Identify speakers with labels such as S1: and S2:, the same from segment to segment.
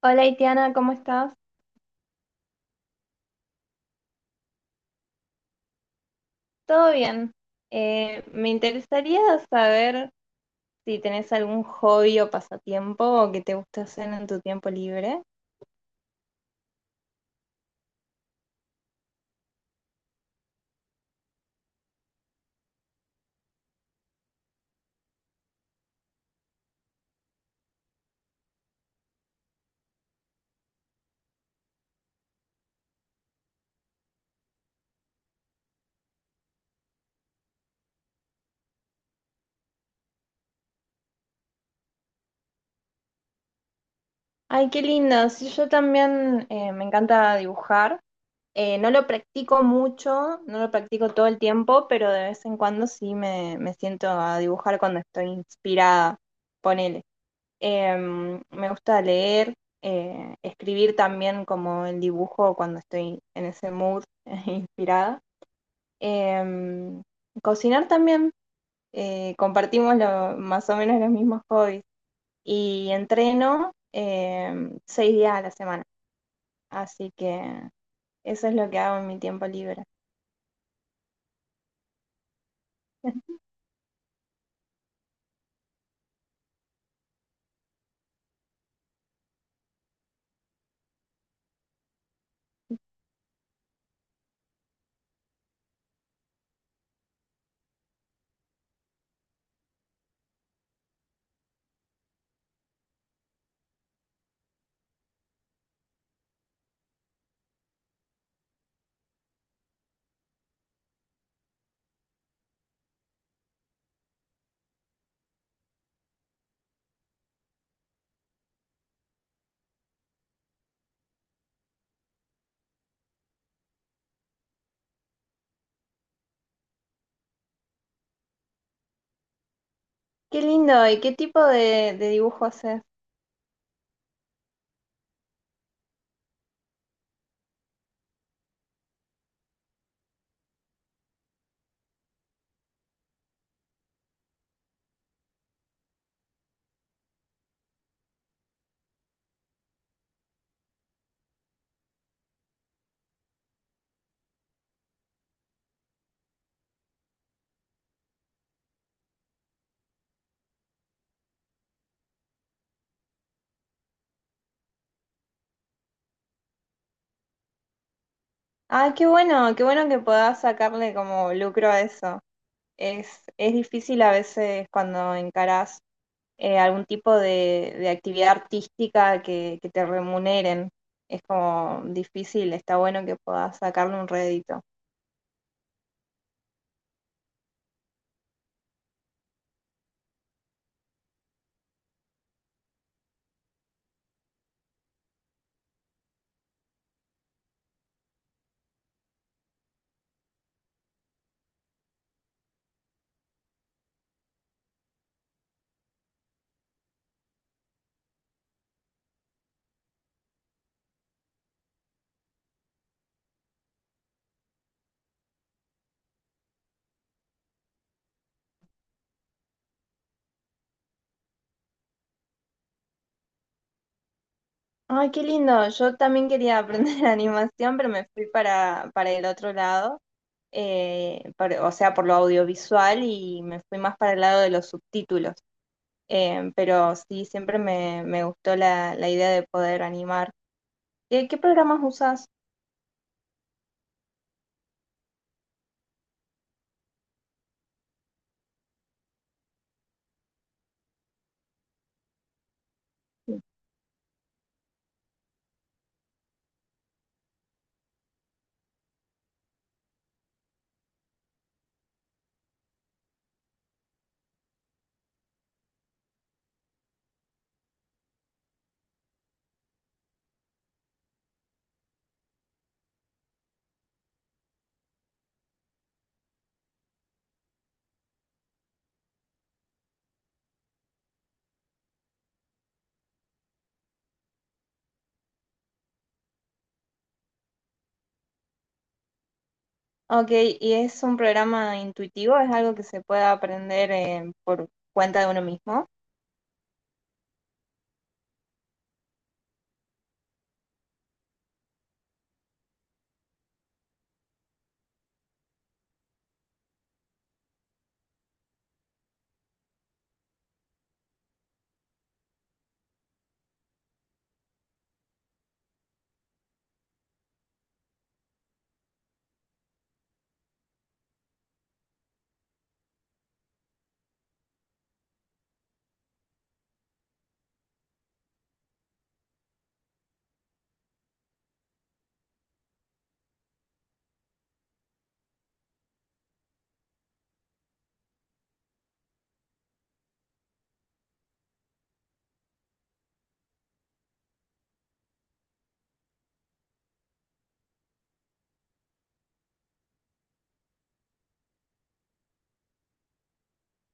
S1: Hola, Itiana, ¿cómo estás? ¿Todo bien? Me interesaría saber si tenés algún hobby o pasatiempo o que te gusta hacer en tu tiempo libre. Ay, qué lindo. Sí, yo también me encanta dibujar. No lo practico mucho, no lo practico todo el tiempo, pero de vez en cuando sí me siento a dibujar cuando estoy inspirada. Ponele. Me gusta leer, escribir también como el dibujo cuando estoy en ese mood inspirada. Em, Cocinar también, compartimos más o menos los mismos hobbies. Y entreno 6 días a la semana, así que eso es lo que hago en mi tiempo libre. Qué lindo, ¿y qué tipo de dibujo haces? Ah, qué bueno que puedas sacarle como lucro a eso. Es difícil a veces cuando encarás algún tipo de actividad artística que te remuneren. Es como difícil, está bueno que puedas sacarle un rédito. Ay, qué lindo. Yo también quería aprender animación, pero me fui para el otro lado, o sea, por lo audiovisual y me fui más para el lado de los subtítulos. Pero sí, siempre me gustó la idea de poder animar. ¿Qué, qué programas usas? Ok, ¿y es un programa intuitivo? ¿Es algo que se puede aprender por cuenta de uno mismo?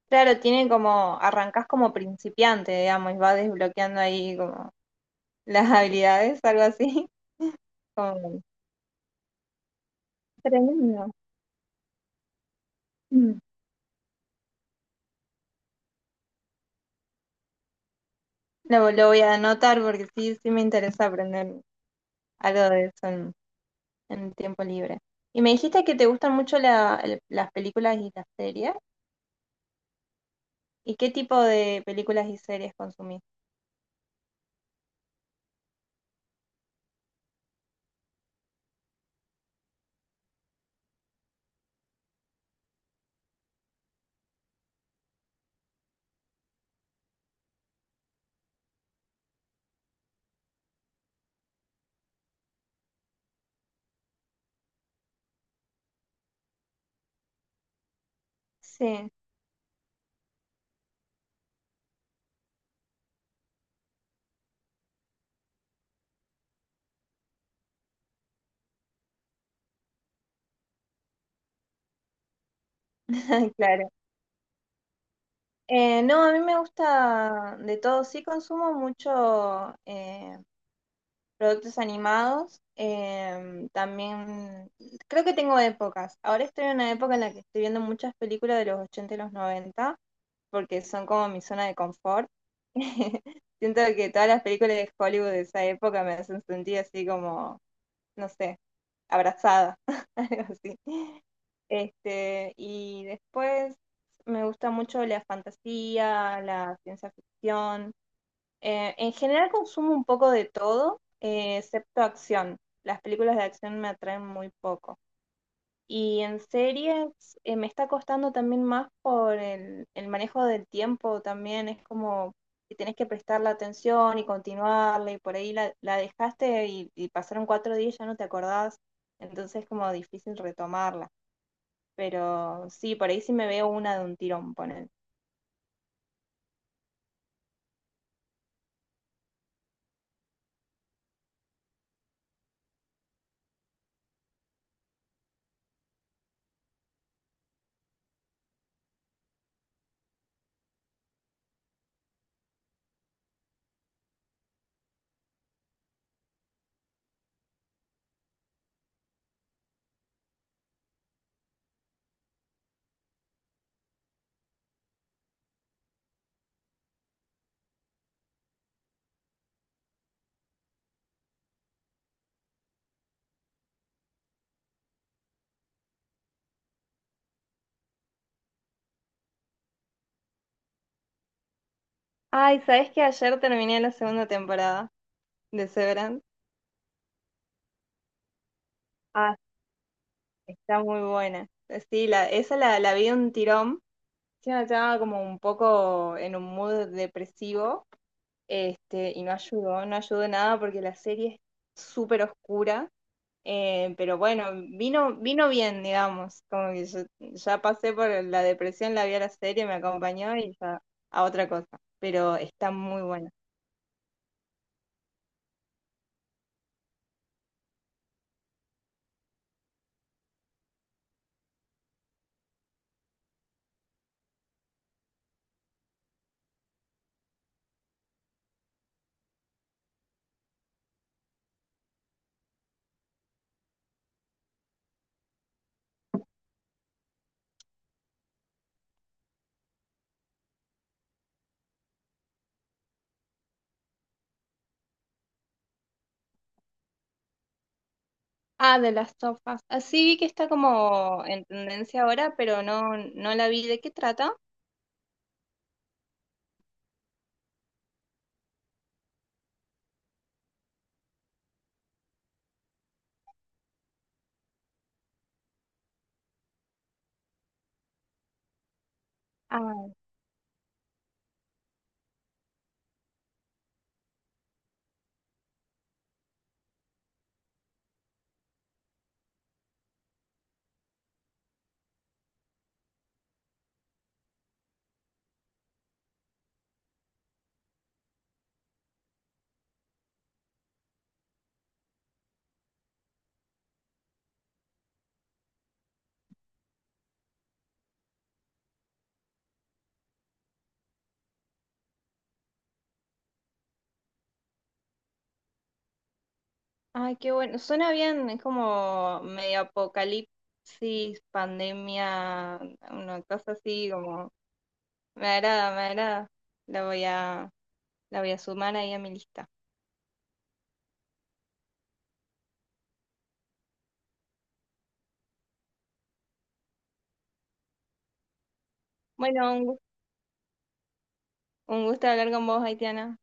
S1: Claro, tiene como, arrancás como principiante, digamos, y vas desbloqueando ahí como las habilidades, algo así. Como... Tremendo. Mm. Lo voy a anotar porque sí, sí me interesa aprender algo de eso en tiempo libre. Y me dijiste que te gustan mucho las películas y las series. ¿Y qué tipo de películas y series consumís? Sí, claro. No, a mí me gusta de todo. Sí consumo mucho productos animados. También creo que tengo épocas. Ahora estoy en una época en la que estoy viendo muchas películas de los 80 y los 90 porque son como mi zona de confort. Siento que todas las películas de Hollywood de esa época me hacen sentir así como, no sé, abrazada, algo así. Este, y después me gusta mucho la fantasía, la ciencia ficción. En general consumo un poco de todo, excepto acción. Las películas de acción me atraen muy poco. Y en series me está costando también más por el manejo del tiempo también. Es como que tenés que prestarle atención y continuarle y por ahí la dejaste y pasaron 4 días y ya no te acordás. Entonces es como difícil retomarla. Pero sí, por ahí sí me veo una de un tirón, poner. Ay, ¿sabés que ayer terminé la segunda temporada de Severance? Ah, está muy buena. Sí, esa la vi de un tirón. Sí, me estaba como un poco en un mood depresivo. Este, y no ayudó, no ayudó nada porque la serie es súper oscura. Pero bueno, vino bien, digamos. Como que yo ya pasé por la depresión, la vi a la serie, me acompañó y ya a otra cosa. Pero está muy buena. Ah, de las sofas. Así vi que está como en tendencia ahora, pero no, no la vi. ¿De qué trata? Ah, ay, qué bueno. Suena bien, es como medio apocalipsis, pandemia, una cosa así como. Me agrada, me agrada. La voy a, la voy a sumar ahí a mi lista. Bueno, un gusto hablar con vos, Haitiana.